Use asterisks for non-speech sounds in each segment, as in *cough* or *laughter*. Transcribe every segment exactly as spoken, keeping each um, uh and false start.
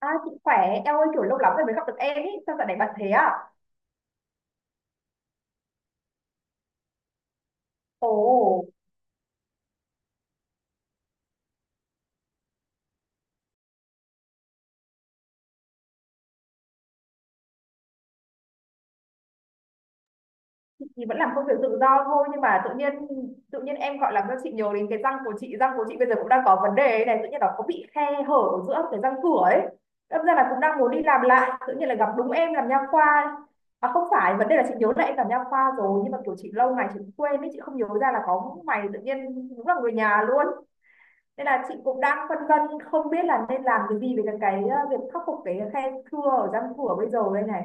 À, chị khỏe, em ơi kiểu lâu lắm rồi mới gặp được em ý, sao dạo này bận thế à? Ồ, chị thì vẫn làm công việc tự do thôi nhưng mà tự nhiên tự nhiên em gọi làm cho chị nhớ đến cái răng của chị, răng của chị bây giờ cũng đang có vấn đề ấy này, tự nhiên nó có bị khe hở ở giữa cái răng cửa ấy. Đâm ra là cũng đang muốn đi làm lại, tự nhiên là gặp đúng em làm nha khoa. À không phải, vấn đề là chị nhớ là em làm nha khoa rồi nhưng mà kiểu chị lâu ngày chị cũng quên ấy, chị không nhớ ra là có mày tự nhiên đúng là người nhà luôn. Nên là chị cũng đang phân vân không biết là nên làm cái gì về cái, ờ, việc khắc phục cái khe thưa ở răng cửa bây giờ đây này.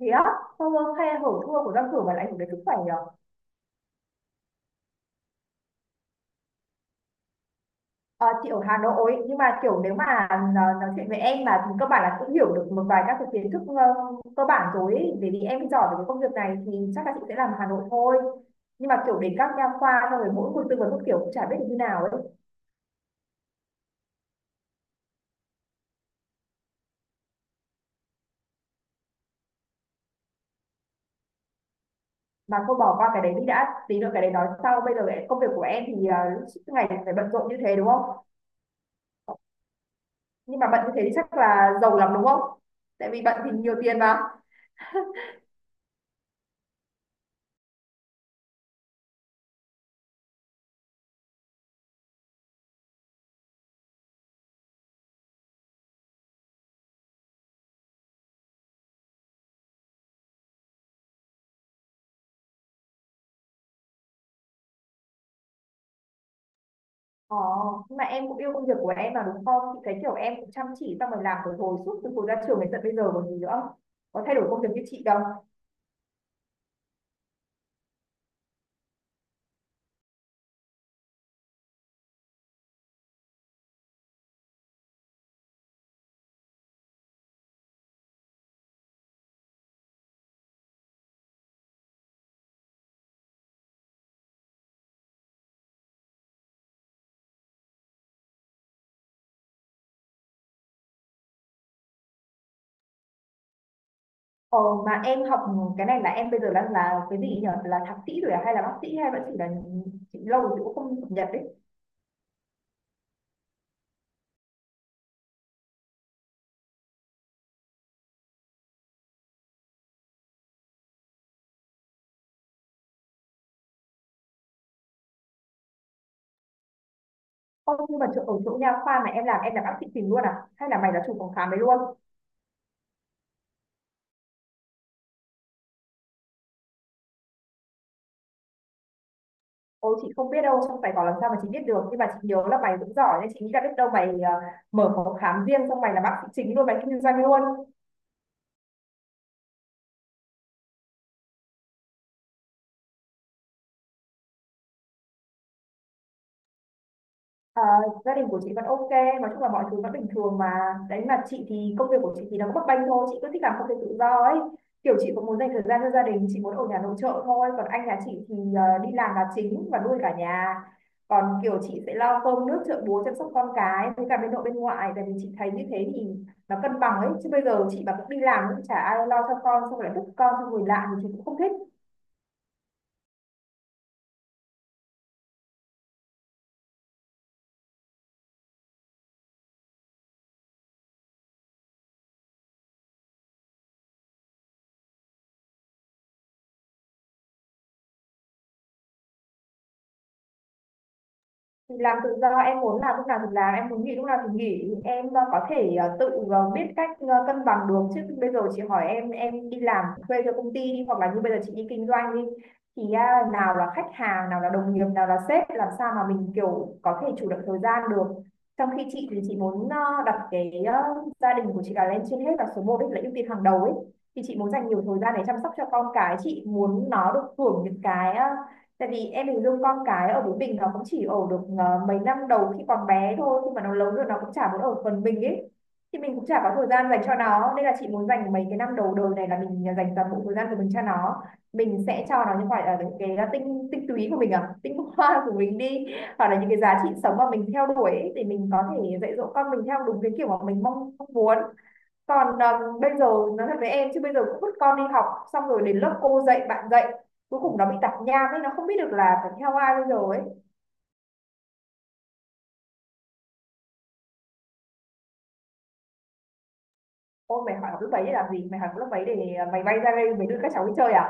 Thì á, khe hở thưa của răng cửa mà lại ảnh hưởng đến sức khỏe nhỉ. Ờ, chị ở Hà Nội nhưng mà kiểu nếu mà ờ, nói, chuyện với em mà thì cơ bản là cũng hiểu được một vài các cái kiến thức ờ, cơ bản rồi ấy. Bởi vì em giỏi về cái công việc này thì chắc là chị sẽ làm Hà Nội thôi, nhưng mà kiểu đến các nha khoa xong rồi mỗi một tư vấn một kiểu cũng chả biết được như nào ấy. Mà cô bỏ qua cái đấy đi đã, tí nữa cái đấy nói sau, bây giờ công việc của em thì à, suốt ngày phải bận rộn như thế đúng không? Nhưng mà bận như thế thì chắc là giàu lắm đúng không, tại vì bận thì nhiều tiền mà. Ờ, nhưng mà em cũng yêu công việc của em mà đúng không? Chị thấy kiểu em cũng chăm chỉ xong rồi làm từ hồi suốt từ hồi ra trường đến tận bây giờ còn gì nữa. Có thay đổi công việc như chị đâu. Ờ, mà em học cái này là em bây giờ đang là cái gì nhỉ? Là thạc sĩ rồi à? Hay là bác sĩ hay vẫn chỉ là chị lâu rồi chị cũng không cập nhật đấy. Không, nhưng mà chỗ, ở chỗ nha khoa mà em làm em là bác sĩ tìm luôn à? Hay là mày là chủ phòng khám đấy luôn? Ôi chị không biết đâu trong bài bảo làm sao mà chị biết được, nhưng mà chị nhớ là mày cũng giỏi nên chị nghĩ là biết đâu mày ờ, mở phòng khám riêng xong mày là bác sĩ chính luôn, mày kinh doanh luôn. Ờ, gia đình của chị vẫn ok, nói chung là mọi thứ vẫn bình thường mà. Đấy mà chị thì công việc của chị thì nó cũng bấp bênh thôi, chị cứ thích làm công việc tự do ấy. Kiểu chị cũng muốn dành thời gian cho gia đình, chị muốn ở nhà nội trợ thôi. Còn anh nhà chị thì ờ, đi làm là chính và nuôi cả nhà. Còn kiểu chị sẽ lo cơm nước chợ búa chăm sóc con cái với cả bên nội bên ngoại. Tại vì chị thấy như thế thì nó cân bằng ấy. Chứ bây giờ chị mà cũng đi làm cũng chả ai lo cho con, xong rồi lại vứt con cho người lạ thì chị cũng không thích. Thì làm tự do em muốn làm lúc nào thì làm, em muốn nghỉ lúc nào thì nghỉ, em ờ, có thể ờ, tự ờ, biết cách ờ, cân bằng được. Chứ bây giờ chị hỏi em em đi làm thuê cho công ty đi hoặc là như bây giờ chị đi kinh doanh đi thì à, nào là khách hàng, nào là đồng nghiệp, nào là sếp, làm sao mà mình kiểu có thể chủ động thời gian được, trong khi chị thì chị muốn ờ, đặt cái ờ, gia đình của chị là lên trên hết và số một là ưu tiên hàng đầu ấy. Thì chị muốn dành nhiều thời gian để chăm sóc cho con cái, chị muốn nó được hưởng những cái ờ, tại vì em hình dung con cái ở với mình nó cũng chỉ ở được ờ, mấy năm đầu khi còn bé thôi, khi mà nó lớn rồi nó cũng chả muốn ở phần mình ấy, thì mình cũng chả có thời gian dành cho nó, nên là chị muốn dành mấy cái năm đầu đời này là mình dành toàn bộ thời gian của mình cho nó. Mình sẽ cho nó những gọi là những cái ờ, tinh tinh túy của mình, à tinh *laughs* hoa của mình đi, hoặc là những cái giá trị sống mà mình theo đuổi ấy, thì mình có thể dạy dỗ con mình theo đúng cái kiểu mà mình mong, mong muốn. Còn à, bây giờ nói thật với em chứ bây giờ cũng vứt con đi học, xong rồi đến lớp cô dạy bạn dạy, cuối cùng nó bị tạp nham ấy, nó không biết được là phải theo ai bây giờ ấy. Ôi mày hỏi học lớp mấy để làm gì, mày hỏi học lớp mấy để à, mày bay ra đây mày đưa các cháu đi chơi à?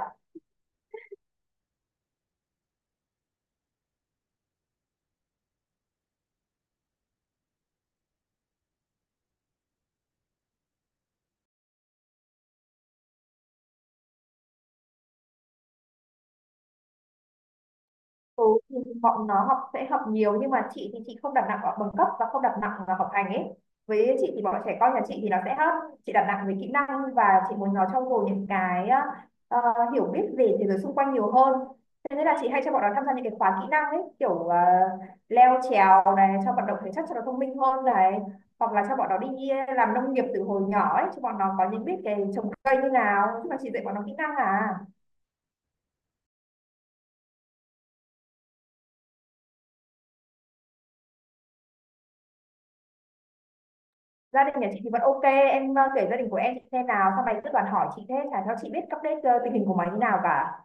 Ừ, thì bọn nó học sẽ học nhiều nhưng mà chị thì chị không đặt nặng vào bằng cấp và không đặt nặng vào học hành ấy. Với chị thì bọn trẻ con nhà chị thì nó sẽ hấp, chị đặt nặng về kỹ năng và chị muốn nó trau dồi những cái ờ, ờ, hiểu biết về thế giới xung quanh nhiều hơn. Thế nên là chị hay cho bọn nó tham gia những cái khóa kỹ năng ấy, kiểu ờ, leo trèo này cho vận động thể chất cho nó thông minh hơn này, hoặc là cho bọn nó đi làm nông nghiệp từ hồi nhỏ ấy, cho bọn nó có những biết cái trồng cây như nào, chứ mà chị dạy bọn nó kỹ năng à. Gia đình nhà chị thì vẫn OK, em, ơ, kể gia đình của em chị xem nào, sau này cứ toàn hỏi chị thế chả cho chị biết update, ơ, tình hình của mày như nào cả.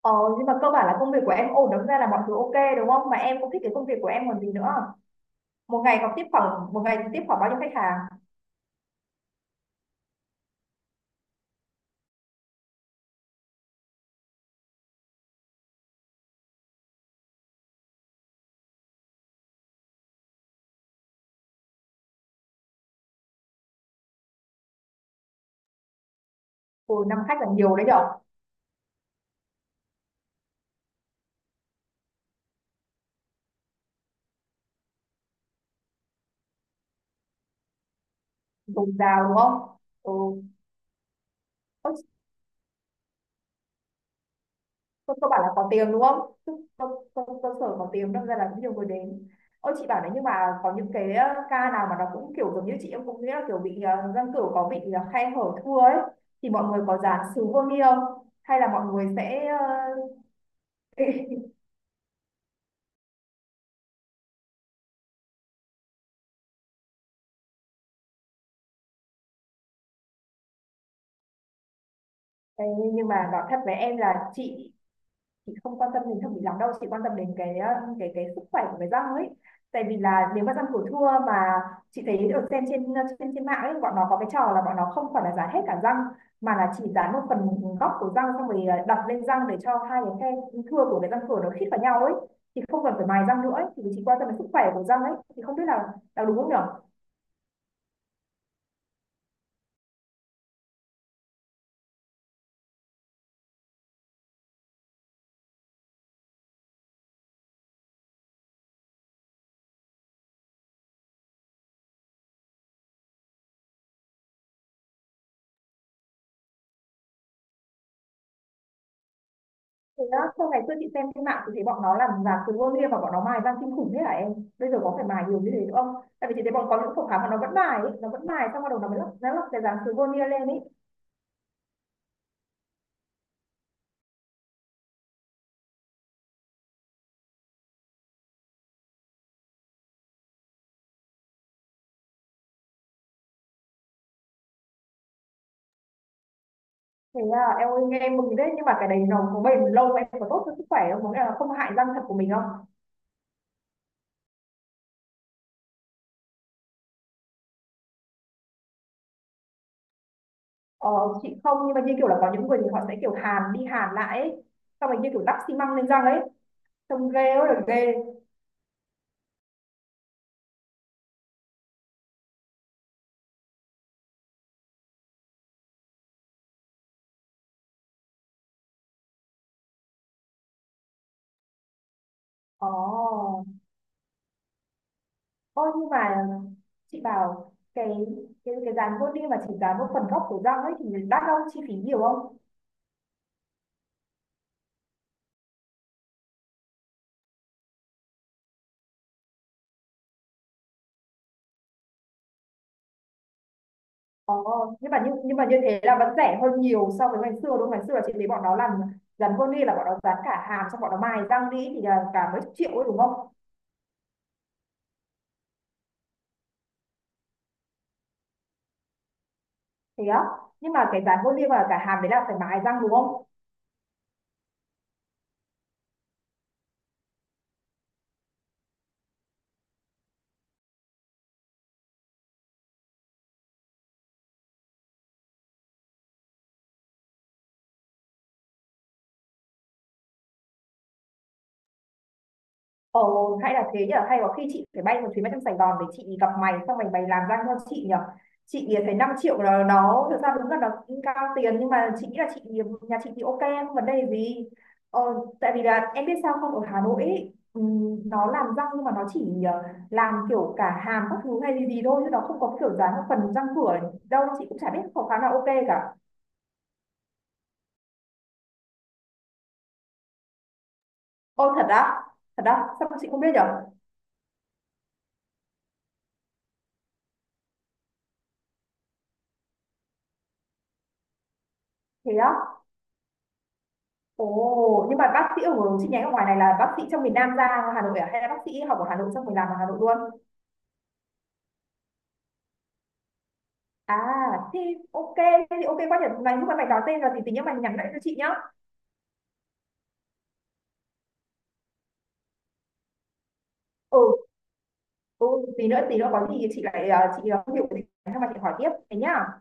Ờ, nhưng mà cơ bản là công việc của em ổn, đâm ra là mọi thứ OK, đúng không? Mà em cũng thích cái công việc của em còn gì nữa. Một ngày còn tiếp khoảng, một ngày tiếp khoảng bao nhiêu khách hàng? Ôi, năm khách là nhiều đấy nhở, dồi dào đúng không? Ừ. Ơ, Cô, cô bảo là có tiếng đúng không? Cơ, cơ, cơ sở có tiếng đâm ra là cũng nhiều người đến. Ôi chị bảo đấy, nhưng mà có những cái ờ, ca nào mà nó cũng kiểu giống như chị, em cũng nghĩ là kiểu bị ờ, răng cửu có bị ờ, khe hở thưa ấy, thì mọi người có dán sứ vô ni không? Hay là mọi người sẽ ờ, *laughs* Ê, nhưng mà nói thật với em là chị chị không quan tâm đến thẩm mỹ lắm đâu, chị quan tâm đến cái uh, cái cái sức khỏe của cái răng ấy. Tại vì là nếu mà răng của thưa mà chị thấy được xem trên ờ, trên trên mạng ấy, bọn nó có cái trò là bọn nó không phải là dán hết cả răng, mà là chỉ dán một phần góc của răng xong rồi uh, đặt lên răng để cho hai cái khe thưa của cái răng cửa nó khít vào nhau ấy, thì không cần phải mài răng nữa ấy. Thì chị quan tâm đến sức khỏe của răng ấy, thì không biết là là đúng không nhỉ. Thế đó sau ngày xưa chị xem trên mạng thì thấy bọn nó làm giả từ vô lia và bọn nó mài răng kinh khủng thế hả em? Bây giờ có phải mài nhiều như thế nữa không? Tại vì chị thấy bọn có những phòng khám mà nó vẫn mài ấy, nó vẫn mài xong bắt đầu nó mới lắp nó lắp cái dán từ vô lia lên ấy. Thế à, em ơi nghe em mừng đấy nhưng mà cái đấy nó có bền lâu, em có tốt cho sức khỏe không? Có nghĩa là không hại răng thật của mình không? Ờ, chị không, nhưng mà như kiểu là có những người thì họ sẽ kiểu hàn đi hàn lại ấy. Xong rồi như kiểu đắp xi măng lên răng ấy. Trông ghê ơi là ghê. Ồ. Ôi nhưng mà chị bảo cái cái cái dán vô đi mà chỉ dán một phần gốc của răng ấy thì đắt không, chi phí nhiều không? Ồ, nhưng mà như nhưng mà như thế là vẫn rẻ hơn nhiều so với ngày xưa đúng không? Ngày xưa là chị thấy bọn nó làm dán vô đi là bọn nó dán cả hàm xong bọn nó mài răng đi thì là cả mấy chục triệu ấy đúng không? Thế á? Nhưng mà cái dán vô đi và cả hàm đấy là phải mài răng đúng không? Ồ, hay là thế nhở, hay có khi chị phải bay một chuyến bay sang Sài Gòn để chị gặp mày, xong mày bày làm ra cho chị nhở. Chị thì thấy năm triệu là nó, thực ra đúng là nó cũng cao tiền, nhưng mà chị nghĩ là chị, nhà chị thì ok, không vấn đề gì. Ờ, tại vì là em biết sao không, ở Hà Nội ấy, ừm, nó làm răng nhưng mà nó chỉ ờ, làm kiểu cả hàm các thứ hay gì gì thôi, chứ nó không có kiểu dán một phần răng cửa đâu, chị cũng chả biết có khá là ok cả. Ô thật á, thật á, sao mà chị không biết nhở? Thế á, ồ, nhưng mà bác sĩ ở chi nhánh ở ngoài này là bác sĩ trong miền Nam ra Hà Nội à? Hay là bác sĩ học ở Hà Nội xong rồi làm ở Hà Nội luôn? À, thì ok, thế thì ok quá nhỉ. Mày lúc mà mày nói tên rồi thì tí nữa mày nhắn lại cho chị nhá. Ừ, ừ, tí nữa tí nữa có gì thì chị lại ờ, chị ờ, không hiểu thì mà chị hỏi tiếp thế nhá.